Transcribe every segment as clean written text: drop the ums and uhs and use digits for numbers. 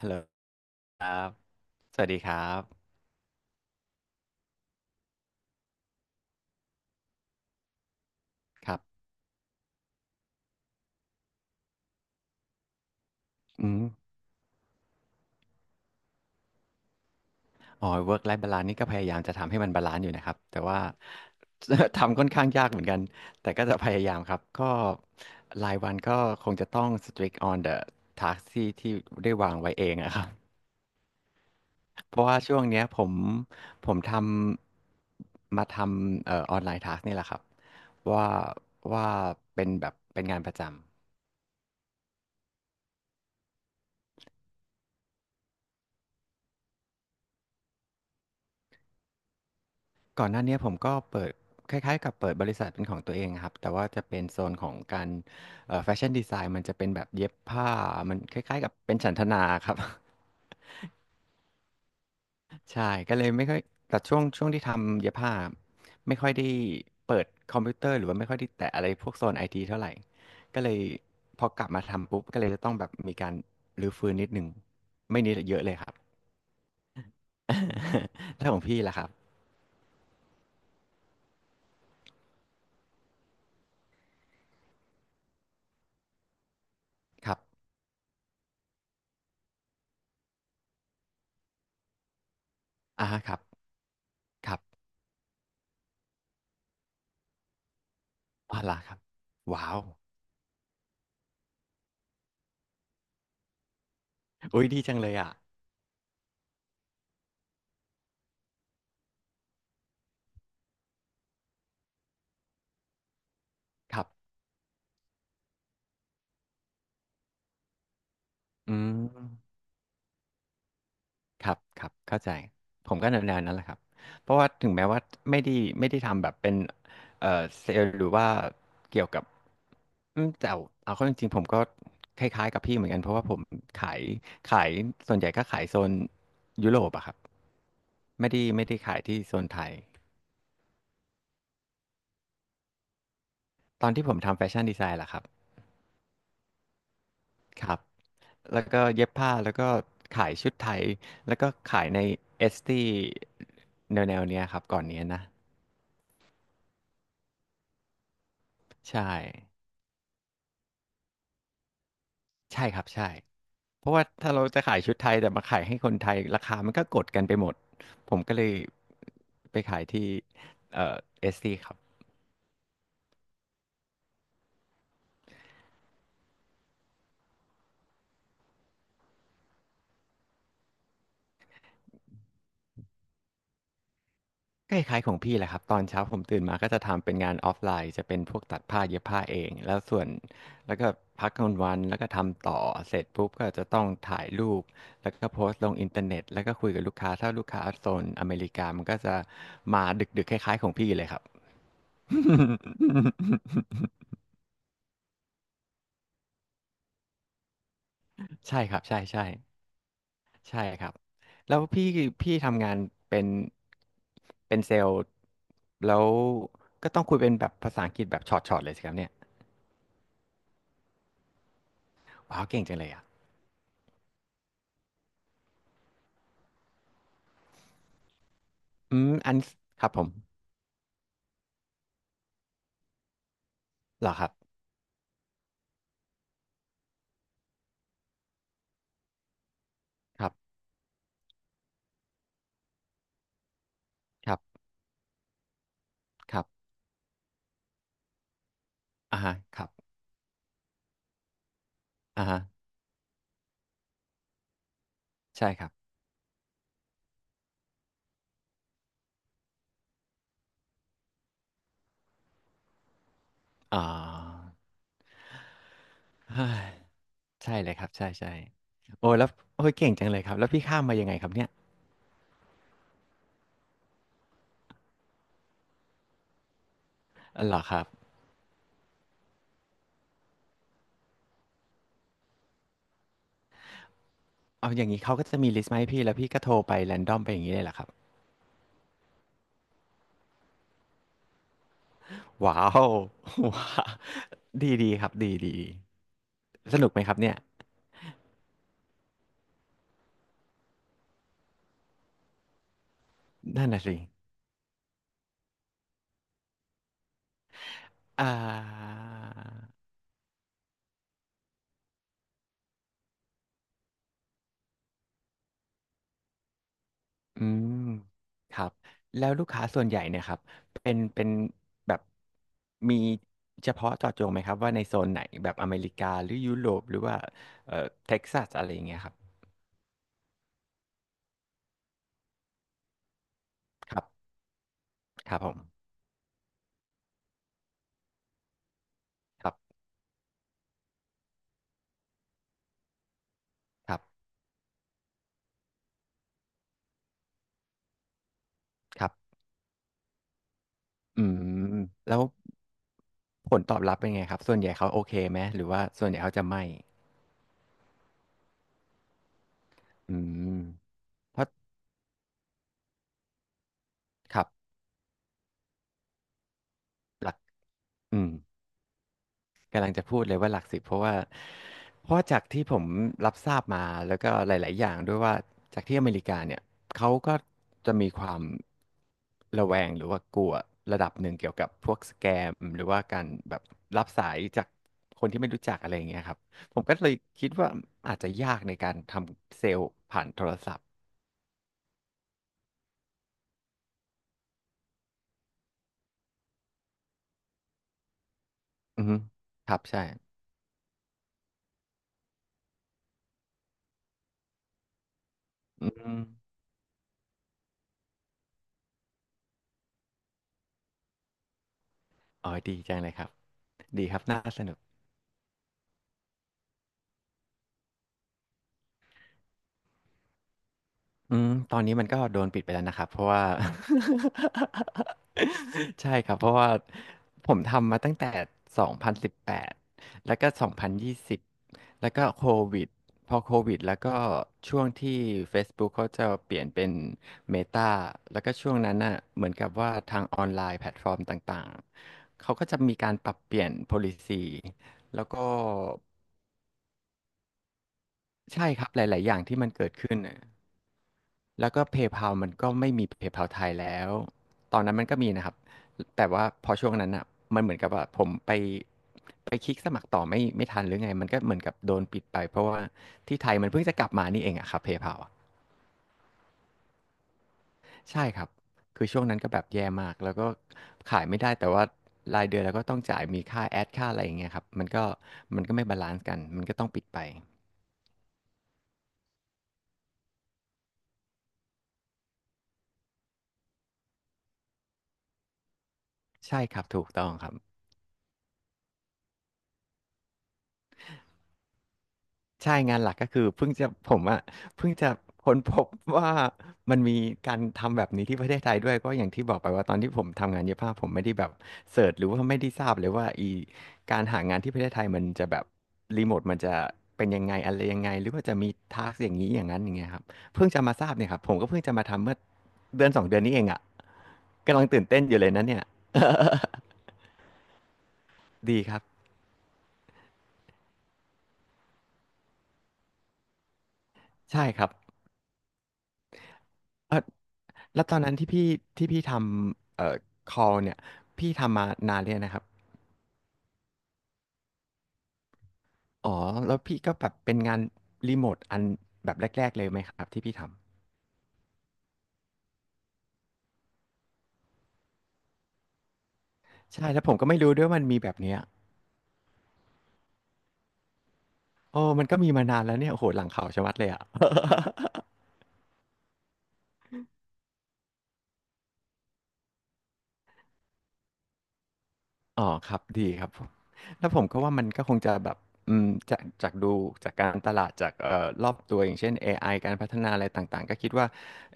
ฮัลโหลครับสวัสดีครับครับอืมอ๋อ work life balance นี่ก็พยายามจะทำให้มันบาลานซ์อยู่นะครับ แต่ว่า ทำค่อนข้างยากเหมือนกัน แต่ก็จะพยายามครับ ก็รายวันก็คงจะต้อง strict on the task ที่ได้วางไว้เองอะครับ เพราะว่าช่วงเนี้ยผมผมทำออนไลน์ task นี่แหละครับว่าว่าเป็นแบบเป็นงานประจำ ก่อนหน้าเนี้ยผมก็เปิดคล้ายๆกับเปิดบริษัทเป็นของตัวเองอะครับแต่ว่าจะเป็นโซนของการแฟชั่นดีไซน์มันจะเป็นแบบเย็บผ้ามันคล้ายๆกับเป็นฉันทนาครับ ใช่ก็เลยไม่ค่อยแต่ช่วงที่ทำเย็บผ้าไม่ค่อยได้เปิดคอมพิวเตอร์หรือว่าไม่ค่อยได้แตะอะไรพวกโซนไอทีเท่าไรก็เลยพอกลับมาทำปุ๊บก็เลยจะต้องแบบมีการรื้อฟื้นนิดหนึ่งไม่นิดอะเยอะเลยครับ แล้วของพี่ล่ะครับครับอะฮะครับครับอ๋อเหรอครับว้าว อุ้ยดีจังเลยอ่ะครับอืมครับครับเข้าใจผมก็แนวๆนั้นแหละครับเพราะว่าถึงแม้ว่าไม่ได้ไม่ได้ทำแบบเป็นเอ่อเซลล์หรือว่าเกี่ยวกับอืมแต่เอาเข้าจริงๆผมก็คล้ายๆกับพี่เหมือนกันเพราะว่าผมขายขายส่วนใหญ่ก็ขายโซนยุโรปอะครับไม่ได้ขายที่โซนไทยตอนที่ผมทำแฟชั่นดีไซน์ล่ะครับ แล้วก็เย็บผ้าแล้วก็ขายชุดไทยแล้วก็ขายในเอสตี้แนวเนี้ยครับก่อนเนี้ยนะใช่ใช่ครับใช่เพราะว่าถ้าเราจะขายชุดไทยแต่มาขายให้คนไทยราคามันก็กดกันไปหมดผมก็เลยไปขายที่เอ่อเอสตี้ครับ ก็คล้ายๆของพี่แหละครับตอนเช้าผมตื่นมาก็จะทำเป็นงานออฟไลน์จะเป็นพวกตัดผ้าเย็บผ้าเองแล้วส่วนแล้วก็พักกลางวันแล้วก็ทำต่อเสร็จปุ๊บก็จะต้องถ่ายรูปแล้วก็โพสต์ลงอินเทอร์เน็ตแล้วก็คุยกับลูกค้าถ้าลูกค้าโซนอเมริกามันก็จะมาดึกๆคล้ายๆของพี่เลยครับ ใช่ครับใช่ใช่ใช่ครับแล้วพี่ทำงานเป็นเป็นเซลล์แล้วก็ต้องคุยเป็นแบบภาษาอังกฤษแบบช็อตๆเลยสิครับเนี่ยว้าวเก่งจังเลยอะ อืมอันครับผมเหรอครับครับครับครับอ่าฮะครับอ่าฮะใช่ครับอ่าเฮ้ยใช่เลยครับใช่ใช่โอ้แล้วโอ้ยเก่งจังเลยครับแล้วพี่ข้ามมายังไงครับเนี่ยอ๋อเหรอครับเอาอย่างนี้เขาก็จะมีลิสต์มาให้พี่แล้วพี่ก็โทรไปแรนดอมไปอย่างนี้เลยเหรอครับว้าวว้าว ดีดีครับดีดีสนุกไหมครับเนี่ยนั่นน่ะสิอ่า อืมครับแล้วลูกค้าส่วนใหญ่เนี่ยครับเป็นแบบมีเฉพาะเจาะจงไหมครับว่าในโซนไหนแบบอเมริกาหรือยุโรปหรือว่าเอ่อเท็กซัสอะไรอย่างเงี้ยครับครับครับผมครับครับครับอืมแล้วผลตอบรับเป็นไงครับส่วนใหญ่เขาโอเคไหมหรือว่าส่วนใหญ่เขาจะไม่อืมเพราะครับหลักอืม กำลังจะพูดเลยว่าหลักสิบเพราะว่าจากที่ผมรับทราบมาแล้วก็หลายๆอย่างด้วยว่าจากที่อเมริกาเนี่ยเขาก็จะมีความระแวงหรือว่ากลัวระดับหนึ่งเกี่ยวกับพวกสแกมหรือว่าการแบบรับสายจากคนที่ไม่รู้จักอะไรอย่างเงี้ยครับผมก็เลยคิดว่าอาจจะยากในการทำเซลล์ผ่านโทรศัพท์อือฮึครับใช่อืมอ๋อดีจังเลยครับดีครับน่าสนุก อืมตอนนี้มันก็โดนปิดไปแล้วนะครับเพราะว่า ใช่ครับเพราะว่าผมทำมาตั้งแต่2018แล้วก็2020แล้วก็โควิดพอโควิดแล้วก็ช่วงที่ Facebook เขาจะเปลี่ยนเป็น Meta แล้วก็ช่วงนั้นน่ะเหมือนกับว่าทางออนไลน์แพลตฟอร์มต่างๆเขาก็จะมีการปรับเปลี่ยน policy แล้วก็ใช่ครับหลายๆอย่างที่มันเกิดขึ้นน่ะ แล้วก็ PayPal มันก็ไม่มี PayPal ไทยแล้วตอนนั้นมันก็มีนะครับแต่ว่าพอช่วงนั้นอ่ะมันเหมือนกับว่าผมไปคลิกสมัครต่อไม่ทันหรือไงมันก็เหมือนกับโดนปิดไปเพราะว่าที่ไทยมันเพิ่งจะกลับมานี่เองอะครับ PayPal อะใช่ครับคือช่วงนั้นก็แบบแย่มากแล้วก็ขายไม่ได้แต่ว่ารายเดือนเราก็ต้องจ่ายมีค่าแอดค่าอะไรอย่างเงี้ยครับมันก็ไม่บาลานซ์กันมันก็ต้องปิดไปใช่ครับถูกต้องครับ ใช่งานหลักก็คือเพิ่งจะผมอ่ะเพิ่งจะค้นพบว่ามันมีการทำแบบนี้ที่ประเทศไทยด้วยก็อย่างที่บอกไปว่าตอนที่ผมทำงานเย็บผ้าผมไม่ได้แบบเสิร์ชหรือว่าไม่ได้ทราบเลยว่าอีการหางานที่ประเทศไทยมันจะแบบรีโมทมันจะเป็นยังไงอะไรยังไงหรือว่าจะมีทาสอย่างนี้อย่างนั้นอย่างเงี้ยครับเพิ่งจะมาทราบเนี่ยครับผมก็เพิ่งจะมาทำเมื่อเดือนสองเดือนนี้เองอ่ะกำลังตื่นเต้นอยู่เลยนะเนี่ย ดีครับใช่ครับ เออแล้วตอนนั้นที่พี่ทำcall เนี่ยพี่ทำมานานเลยงนะครับอ๋อแล้วพี่ก็แบบเป็นงานรีโมทอันแบบแรกๆเลยไหมครับที่พี่ทำใช่แล้วผมก็ไม่รู้ด้วยว่ามันมีแบบเนี้ยโอ้มันก็มีมานานแล้วเนี่ยโอ้โหหลังข่าวชะมัดเลยอ่ะ อ๋อครับดีครับผมแล้วผมก็ว่ามันก็คงจะแบบอืมจากดูจากการตลาดจากรอบตัวอย่างเช่น AI การพัฒนาอะไรต่างๆก็คิดว่า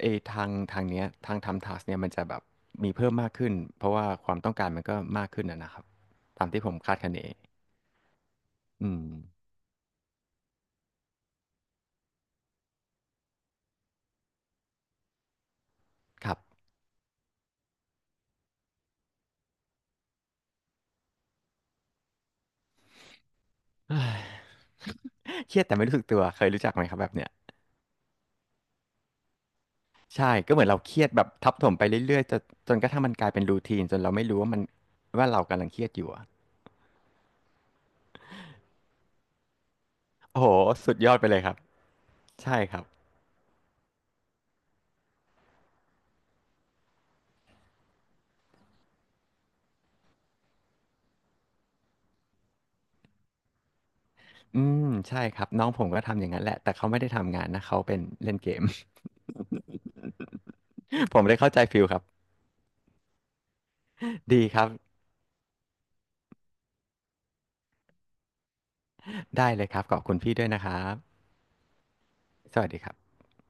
เออทางเนี้ยทางทำทัสเนี่ยมันจะแบบมีเพิ่มมากขึ้นเพราะว่าความต้องการมันก็มากขึ้นนะครับตามที่ผมคาดคะเนอืมครับ เฮ้ยเครียดแต่ไม่รู้สึกตัวเคยรู้จักไหมครับแบบเนี้ยใช่ก็เหมือนเราเครียดแบบทับถมไปเรื่อยๆจนกระทั่งมันกลายเป็นรูทีนจนเราไม่รู้ว่าเรากำลังเครียดอยู่อะโอ้โหสุดยอดไปเลยครับใช่ครับ อืมใช่ครับน้องผมก็ทำอย่างนั้นแหละแต่เขาไม่ได้ทำงานนะเขาเป็นเล่นเกม ผมเลยเข้าใจฟิลครับดีครับได้เลยครับขอบคุณพี่ด้วยนะครับสวัสดีครับ